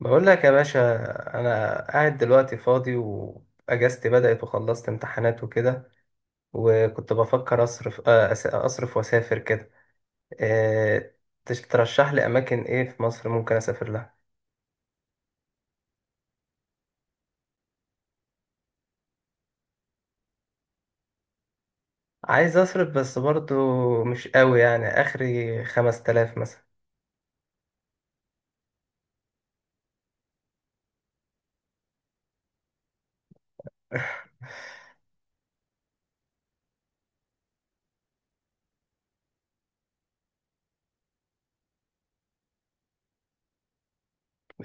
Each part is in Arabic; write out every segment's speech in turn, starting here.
بقول لك يا باشا، انا قاعد دلوقتي فاضي واجازتي بدأت وخلصت امتحانات وكده. وكنت بفكر اصرف اصرف واسافر كده. آه، ترشح لي اماكن ايه في مصر ممكن اسافر لها. عايز اصرف، بس برضو مش قوي، يعني اخري 5000 مثلا.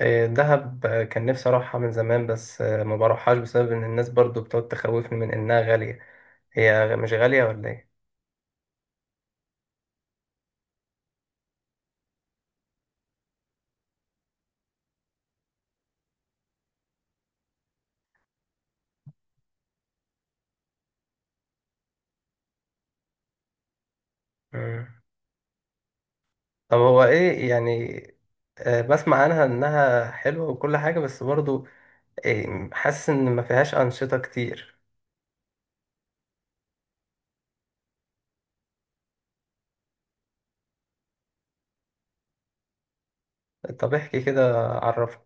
دهب كان نفسي اروحها من زمان، بس ما بروحهاش بسبب ان الناس برضو بتقعد تخوفني من انها غالية. هي مش غالية ولا ايه؟ طب هو ايه يعني؟ بسمع عنها انها حلوة وكل حاجة، بس برضو حاسس ان ما فيهاش انشطة كتير. طب احكي كده، عرفني.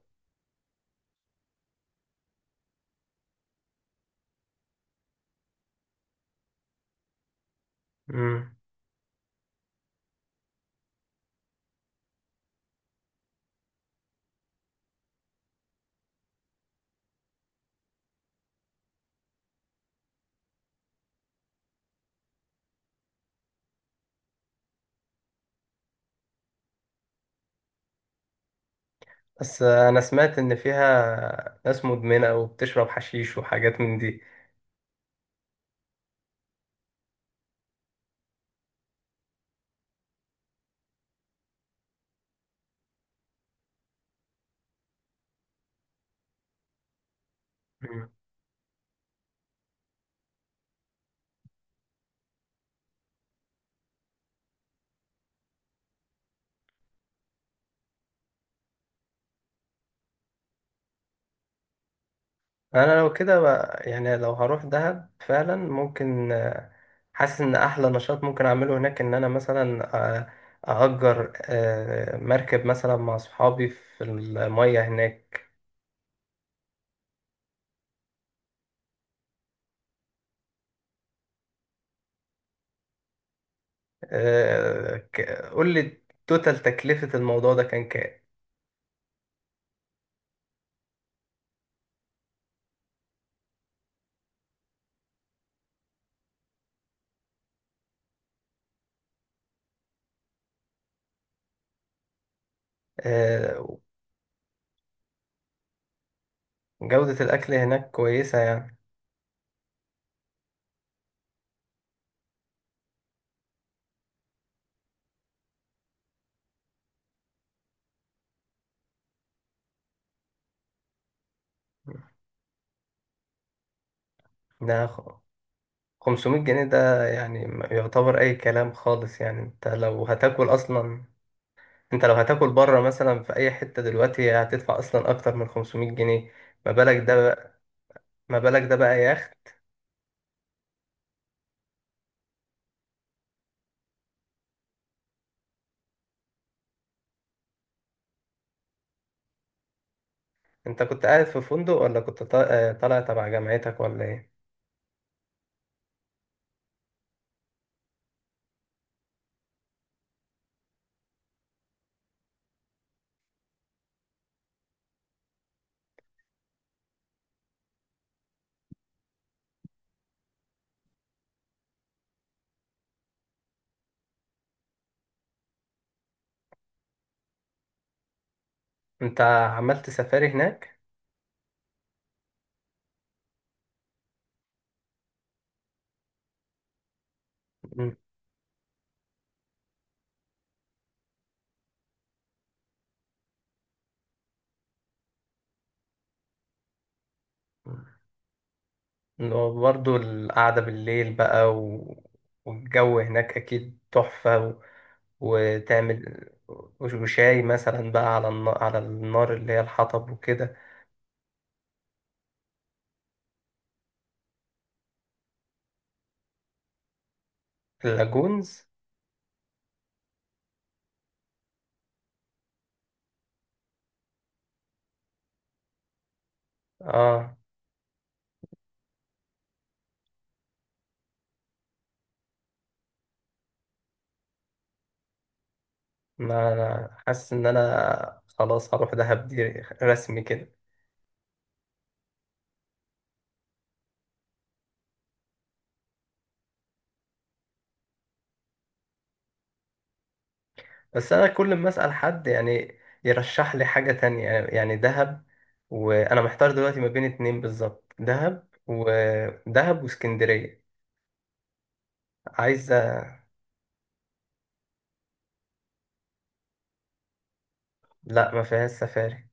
امم بس انا سمعت ان فيها ناس مدمنة وبتشرب حشيش وحاجات من دي. مم. انا لو كده يعني لو هروح دهب فعلا ممكن. حاسس ان احلى نشاط ممكن اعمله هناك ان انا مثلا اجر مركب مثلا مع صحابي في المية هناك. قول لي، توتال تكلفة الموضوع ده كان كام؟ آه، جودة الأكل هناك كويسة يعني. ده خ- 500 جنيه ده يعني ما يعتبر أي كلام خالص، يعني أنت لو هتاكل أصلا، أنت لو هتاكل بره مثلا في أي حتة دلوقتي هتدفع أصلا أكتر من 500 جنيه. ما بالك ده بقى، ما بالك ده بقى يخت. أنت كنت قاعد في فندق ولا كنت طالع تبع جامعتك ولا إيه؟ أنت عملت سفاري هناك. مم. برضه القعدة بالليل بقى والجو هناك أكيد تحفة وتعمل وشاي مثلا بقى على النار، على النار اللي هي الحطب وكده. اللاجونز. اه، ما أنا حاسس إن أنا خلاص هروح دهب دي، رسمي كده. بس أنا كل ما أسأل حد يعني يرشح لي حاجة تانية، يعني دهب. وأنا محتار دلوقتي ما بين اتنين بالظبط: دهب واسكندرية. عايزة. لا، ما فيهاش سفاري.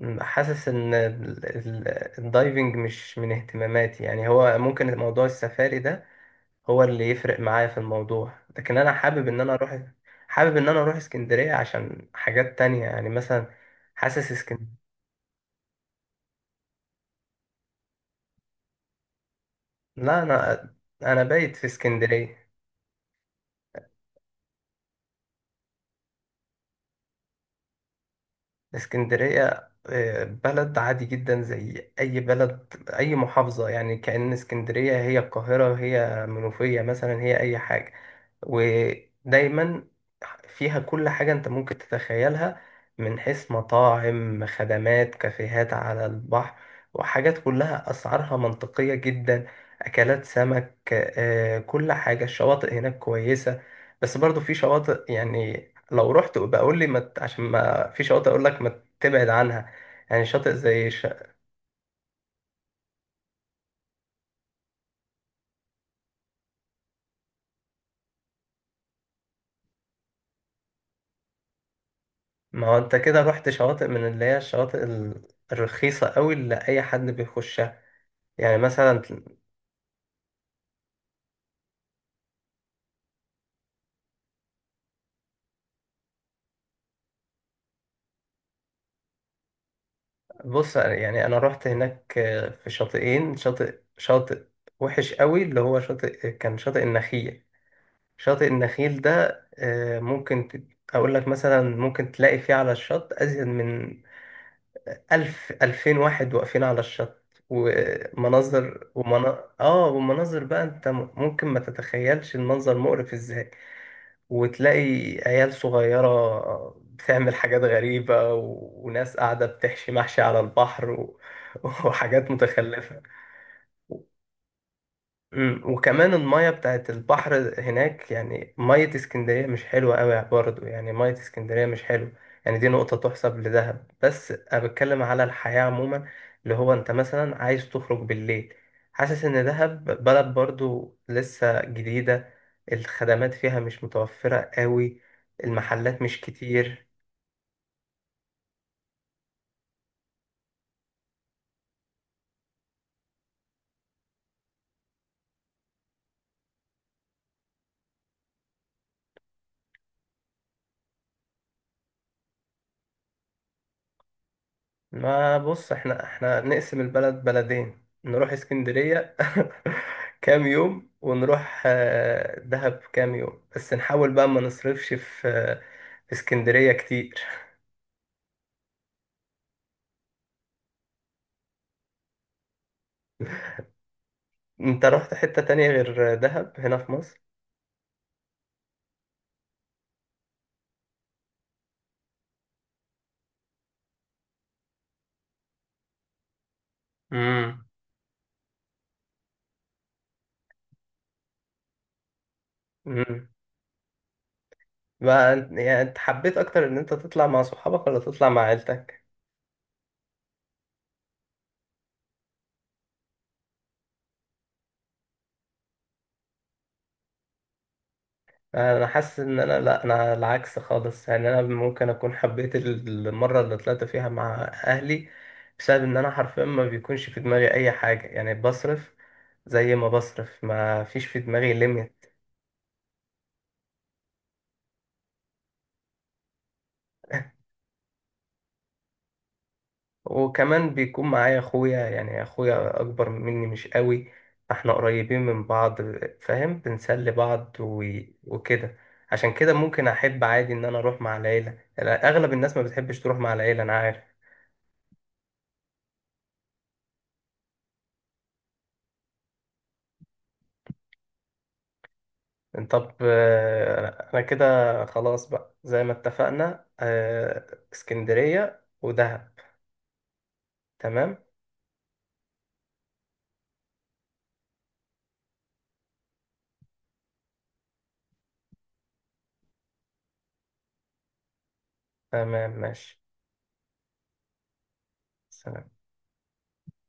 حاسس ان الدايفنج مش من اهتماماتي، يعني هو ممكن موضوع السفاري ده هو اللي يفرق معايا في الموضوع. لكن انا حابب ان انا اروح، حابب ان انا اروح اسكندرية عشان حاجات تانية، يعني مثلا حاسس اسكندرية. لا، انا بايت في اسكندرية. اسكندرية بلد عادي جدا زي اي بلد، اي محافظة. يعني كأن اسكندرية هي القاهرة، هي منوفية مثلا، هي اي حاجة. ودايما فيها كل حاجة انت ممكن تتخيلها، من حيث مطاعم، خدمات، كافيهات على البحر، وحاجات كلها أسعارها منطقية جدا. أكلات سمك، كل حاجة. الشواطئ هناك كويسة، بس برضو في شواطئ، يعني لو رحت بقول لي مت عشان ما في شواطئ، أقول لك ما تبعد عنها. يعني شاطئ زي ما هو انت كده رحت شواطئ من اللي هي الشواطئ الرخيصة قوي، اللي أي حد بيخشها، يعني مثلا. بص يعني، انا رحت هناك في شاطئين. شاطئ وحش قوي اللي هو شاطئ، كان شاطئ النخيل. شاطئ النخيل ده اقول لك مثلا ممكن تلاقي فيه على الشط ازيد من 1000، 2000 واحد واقفين على الشط. ومناظر، اه، ومناظر بقى، انت ممكن ما تتخيلش المنظر مقرف ازاي. وتلاقي عيال صغيرة بتعمل حاجات غريبة وناس قاعدة بتحشي محشي على البحر وحاجات متخلفة. مم. وكمان المية بتاعت البحر هناك، يعني مية اسكندرية مش حلوة قوي برضه، يعني مية اسكندرية مش حلوة. يعني دي نقطة تحسب لدهب. بس أنا بتكلم على الحياة عموما، اللي هو أنت مثلا عايز تخرج بالليل، حاسس إن دهب بلد برضه لسه جديدة، الخدمات فيها مش متوفرة قوي، المحلات مش كتير. ما بص، احنا نقسم البلد بلدين، نروح اسكندرية كام يوم ونروح دهب كام يوم، بس نحاول بقى ما نصرفش في في اسكندرية كتير. انت رحت حتة تانية غير دهب هنا في مصر؟ امم امم بقى يعني، انت حبيت اكتر ان انت تطلع مع صحابك ولا تطلع مع عيلتك؟ انا حاسس ان انا، لا، انا العكس خالص، يعني انا ممكن اكون حبيت المره اللي طلعت فيها مع اهلي، بسبب ان انا حرفيا ما بيكونش في دماغي اي حاجه، يعني بصرف زي ما بصرف، ما فيش في دماغي ليميت. وكمان بيكون معايا اخويا، يعني اخويا اكبر مني مش قوي، فاحنا قريبين من بعض، فاهم، بنسلي بعض وكده. عشان كده ممكن احب عادي ان انا اروح مع العيله، يعني اغلب الناس ما بتحبش تروح مع العيله، انا عارف. طب انا كده خلاص بقى، زي ما اتفقنا اسكندرية ودهب. تمام. تمام، ماشي. سلام.